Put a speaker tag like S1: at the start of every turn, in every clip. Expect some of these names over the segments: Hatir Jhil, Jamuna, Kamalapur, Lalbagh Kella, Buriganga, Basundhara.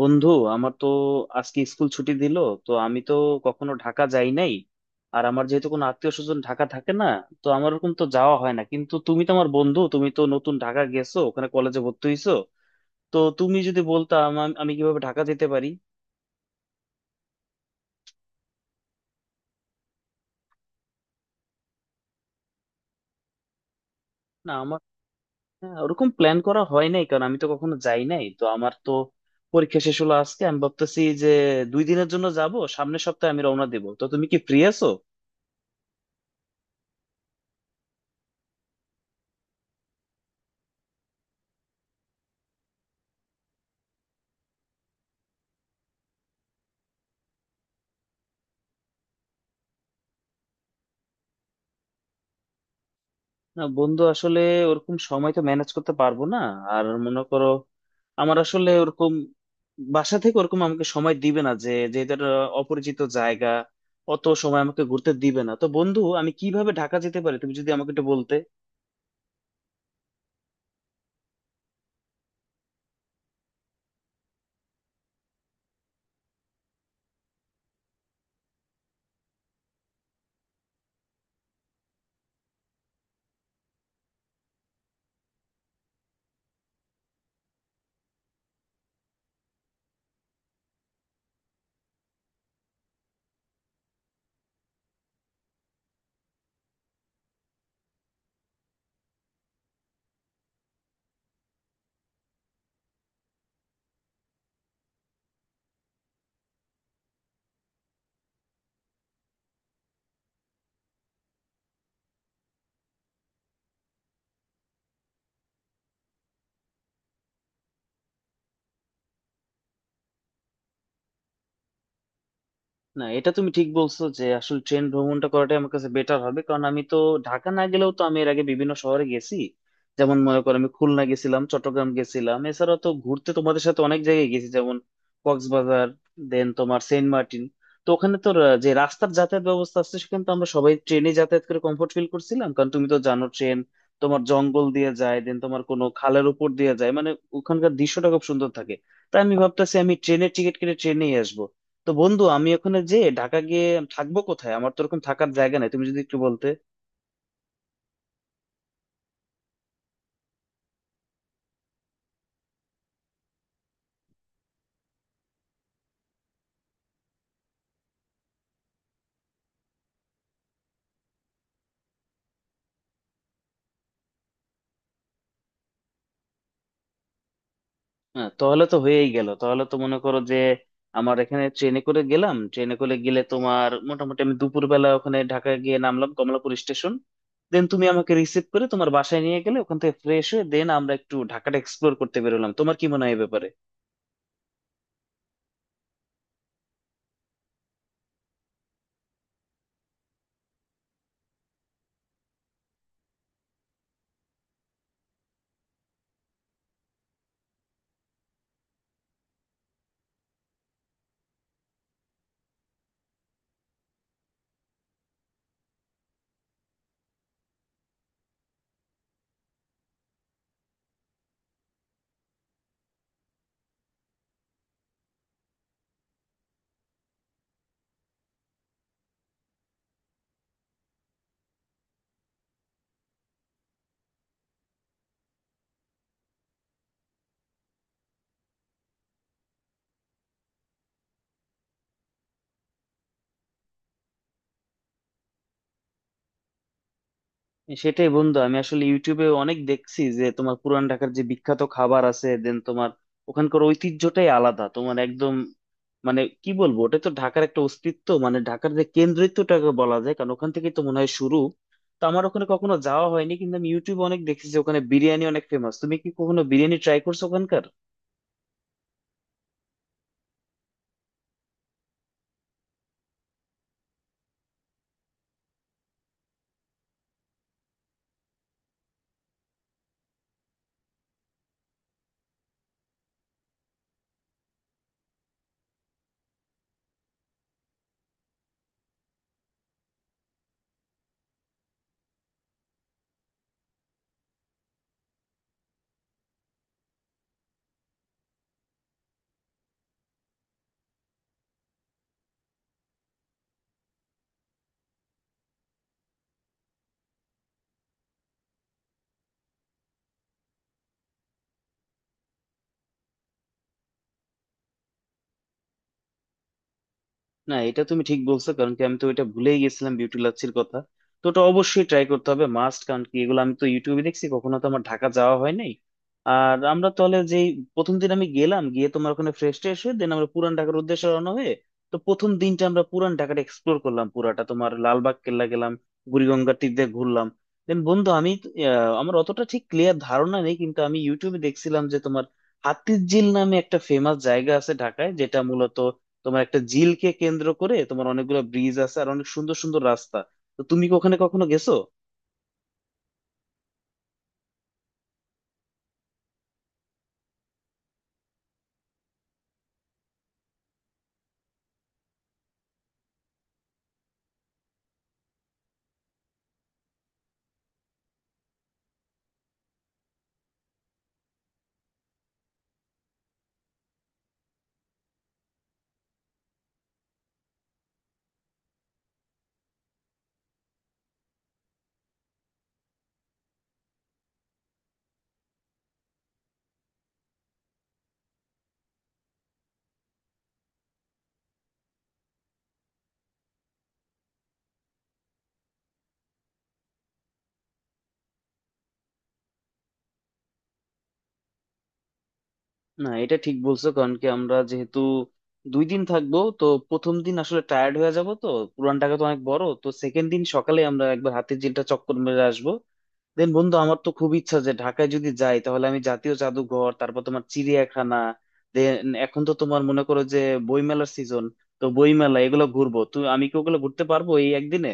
S1: বন্ধু, আমার তো আজকে স্কুল ছুটি দিল। তো আমি তো কখনো ঢাকা যাই নাই, আর আমার যেহেতু কোনো আত্মীয় স্বজন ঢাকা থাকে না, তো আমার ওরকম তো যাওয়া হয় না। কিন্তু তুমি তো আমার বন্ধু, তুমি তো নতুন ঢাকা গেছো, ওখানে কলেজে ভর্তি হইছো। তো তুমি যদি বলতা আমি কিভাবে ঢাকা যেতে পারি। না, আমার হ্যাঁ, ওরকম প্ল্যান করা হয় নাই কারণ আমি তো কখনো যাই নাই, তো আমার তো পরীক্ষা শেষ হলো আজকে। আমি ভাবতেছি যে 2 দিনের জন্য যাব, সামনের সপ্তাহে আমি রওনা দেবো। তো তুমি কি ফ্রি আছো? না বন্ধু, আসলে ওরকম সময় তো ম্যানেজ করতে পারবো না। আর মনে করো, আমার আসলে ওরকম বাসা থেকে ওরকম আমাকে সময় দিবে না, যে যেহেতু একটা অপরিচিত জায়গা অত সময় আমাকে ঘুরতে দিবে না। তো বন্ধু, আমি কিভাবে ঢাকা যেতে পারি তুমি যদি আমাকে একটু বলতে। না, এটা তুমি ঠিক বলছো যে আসলে ট্রেন ভ্রমণটা করাটাই আমার কাছে বেটার হবে, কারণ আমি তো ঢাকা না গেলেও তো আমি এর আগে বিভিন্ন শহরে গেছি। যেমন মনে করো, আমি খুলনা গেছিলাম, চট্টগ্রাম গেছিলাম। এছাড়া তো ঘুরতে তোমাদের সাথে অনেক জায়গায় গেছি, যেমন কক্সবাজার, দেন তোমার সেন্ট মার্টিন। তো ওখানে তো যে রাস্তার যাতায়াত ব্যবস্থা আছে, সেখানে তো আমরা সবাই ট্রেনে যাতায়াত করে কমফোর্ট ফিল করছিলাম। কারণ তুমি তো জানো, ট্রেন তোমার জঙ্গল দিয়ে যায়, দেন তোমার কোনো খালের উপর দিয়ে যায়, মানে ওখানকার দৃশ্যটা খুব সুন্দর থাকে। তাই আমি ভাবতেছি আমি ট্রেনের টিকিট কেটে ট্রেনেই আসবো। তো বন্ধু, আমি ওখানে যে ঢাকা গিয়ে থাকবো কোথায়? আমার তো ওরকম থাকার জায়গা নাই, তুমি যদি একটু বলতে। হ্যাঁ, তাহলে তো হয়েই গেল। তাহলে তো মনে করো যে আমার এখানে ট্রেনে করে গেলাম, ট্রেনে করে গেলে তোমার মোটামুটি আমি দুপুরবেলা ওখানে ঢাকা গিয়ে নামলাম কমলাপুর স্টেশন। দেন তুমি আমাকে রিসিভ করে তোমার বাসায় নিয়ে গেলে, ওখান থেকে ফ্রেশ হয়ে দেন আমরা একটু ঢাকাটা এক্সপ্লোর করতে বেরোলাম। তোমার কি মনে হয় এ ব্যাপারে? সেটাই বন্ধু, আমি আসলে ইউটিউবে অনেক দেখছি যে তোমার পুরান ঢাকার যে বিখ্যাত খাবার আছে, দেন তোমার ওখানকার ঐতিহ্যটাই আলাদা তোমার একদম। মানে কি বলবো, ওটা তো ঢাকার একটা অস্তিত্ব, মানে ঢাকার যে কেন্দ্রিত্বটাকে বলা যায়, কারণ ওখান থেকেই তো মনে হয় শুরু। তো আমার ওখানে কখনো যাওয়া হয়নি, কিন্তু আমি ইউটিউবে অনেক দেখেছি যে ওখানে বিরিয়ানি অনেক ফেমাস। তুমি কি কখনো বিরিয়ানি ট্রাই করছো ওখানকার? না, এটা তুমি ঠিক বলছো, কারণ কি আমি তো এটা ভুলেই গেছিলাম বিউটি লাচ্ছির কথা। তো ওটা অবশ্যই ট্রাই করতে হবে মাস্ট, কারণ কি এগুলো আমি তো ইউটিউবে দেখছি, কখনো তো আমার ঢাকা যাওয়া হয় নাই। আর আমরা তাহলে যে প্রথম দিন আমি গেলাম, গিয়ে তোমার ওখানে ফ্রেশ ট্রেশ হয়ে দেন আমরা পুরান ঢাকার উদ্দেশ্যে রওনা হয়ে। তো প্রথম দিনটা আমরা পুরান ঢাকাটা এক্সপ্লোর করলাম পুরাটা, তোমার লালবাগ কেল্লা গেলাম, বুড়িগঙ্গার তীর দিয়ে ঘুরলাম। দেন বন্ধু, আমি তো, আমার অতটা ঠিক ক্লিয়ার ধারণা নেই, কিন্তু আমি ইউটিউবে দেখছিলাম যে তোমার হাতির ঝিল নামে একটা ফেমাস জায়গা আছে ঢাকায়, যেটা মূলত তোমার একটা ঝিলকে কেন্দ্র করে তোমার অনেকগুলো ব্রিজ আছে আর অনেক সুন্দর সুন্দর রাস্তা। তো তুমি কি ওখানে কখনো গেছো? না, এটা ঠিক বলছো, কারণ কি আমরা যেহেতু 2 দিন থাকবো, তো প্রথম দিন আসলে টায়ার্ড হয়ে যাব, তো পুরান ঢাকা তো অনেক বড়। তো সেকেন্ড দিন সকালে আমরা একবার হাতির ঝিলটা চক্কর মেরে আসবো। দেন বন্ধু, আমার তো খুব ইচ্ছা যে ঢাকায় যদি যাই তাহলে আমি জাতীয় জাদুঘর, তারপর তোমার চিড়িয়াখানা, দেন এখন তো তোমার মনে করো যে বইমেলার সিজন, তো বইমেলা এগুলো ঘুরবো। তুই আমি কি ওগুলো ঘুরতে পারবো এই একদিনে?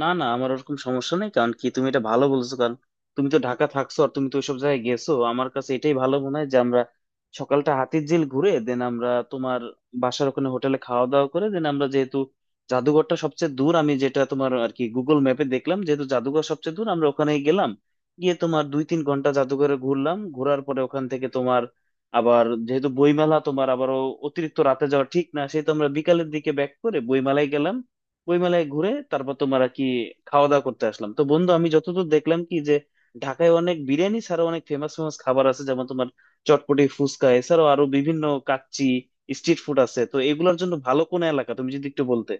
S1: না না, আমার ওরকম সমস্যা নেই, কারণ কি তুমি এটা ভালো বলছো। কারণ তুমি তো ঢাকা থাকছো আর তুমি তো ওইসব জায়গায় গেছো, আমার কাছে এটাই ভালো মনে হয় যে আমরা সকালটা হাতিরঝিল ঘুরে দেন আমরা তোমার বাসার ওখানে হোটেলে খাওয়া দাওয়া করে দেন আমরা, যেহেতু জাদুঘরটা সবচেয়ে দূর, আমি যেটা তোমার আর কি গুগল ম্যাপে দেখলাম, যেহেতু জাদুঘর সবচেয়ে দূর, আমরা ওখানে গেলাম। গিয়ে তোমার 2-3 ঘন্টা জাদুঘরে ঘুরলাম, ঘোরার পরে ওখান থেকে তোমার, আবার যেহেতু বইমেলা, তোমার আবারও অতিরিক্ত রাতে যাওয়া ঠিক না, সেই তো আমরা বিকালের দিকে ব্যাক করে বইমেলায় গেলাম। বইমেলায় ঘুরে তারপর তোমার আর কি খাওয়া দাওয়া করতে আসলাম। তো বন্ধু, আমি যতদূর দেখলাম কি যে ঢাকায় অনেক বিরিয়ানি ছাড়াও অনেক ফেমাস ফেমাস খাবার আছে, যেমন তোমার চটপটি, ফুচকা, এছাড়াও আরো বিভিন্ন কাচ্চি, স্ট্রিট ফুড আছে। তো এগুলোর জন্য ভালো কোন এলাকা তুমি যদি একটু বলতে।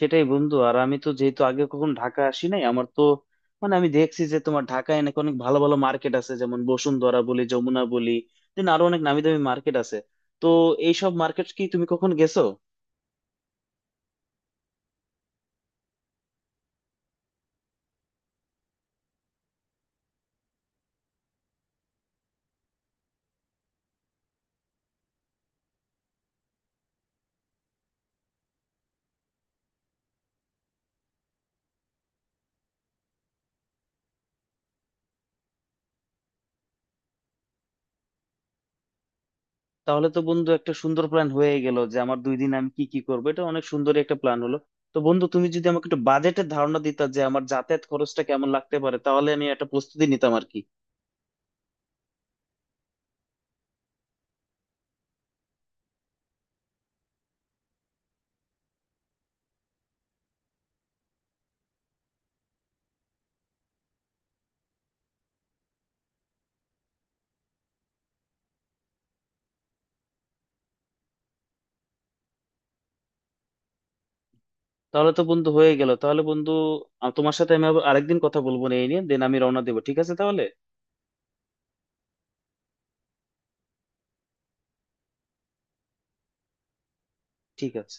S1: সেটাই বন্ধু, আর আমি তো যেহেতু আগে কখন ঢাকা আসি নাই, আমার তো মানে আমি দেখছি যে তোমার ঢাকায় নাকি অনেক ভালো ভালো মার্কেট আছে, যেমন বসুন্ধরা বলি, যমুনা বলি, দেন আরো অনেক নামি দামি মার্কেট আছে। তো এইসব মার্কেট কি তুমি কখন গেছো? তাহলে তো বন্ধু একটা সুন্দর প্ল্যান হয়ে গেল যে আমার 2 দিন আমি কি কি করবো, এটা অনেক সুন্দর একটা প্ল্যান হলো। তো বন্ধু, তুমি যদি আমাকে একটু বাজেটের ধারণা দিতা যে আমার যাতায়াত খরচটা কেমন লাগতে পারে, তাহলে আমি একটা প্রস্তুতি নিতাম আর কি। তাহলে তো বন্ধু হয়ে গেল। তাহলে বন্ধু, তোমার সাথে আমি আবার আরেকদিন কথা বলবো না এই নিয়ে, দেন আমি রওনা দেবো। ঠিক আছে তাহলে? ঠিক আছে।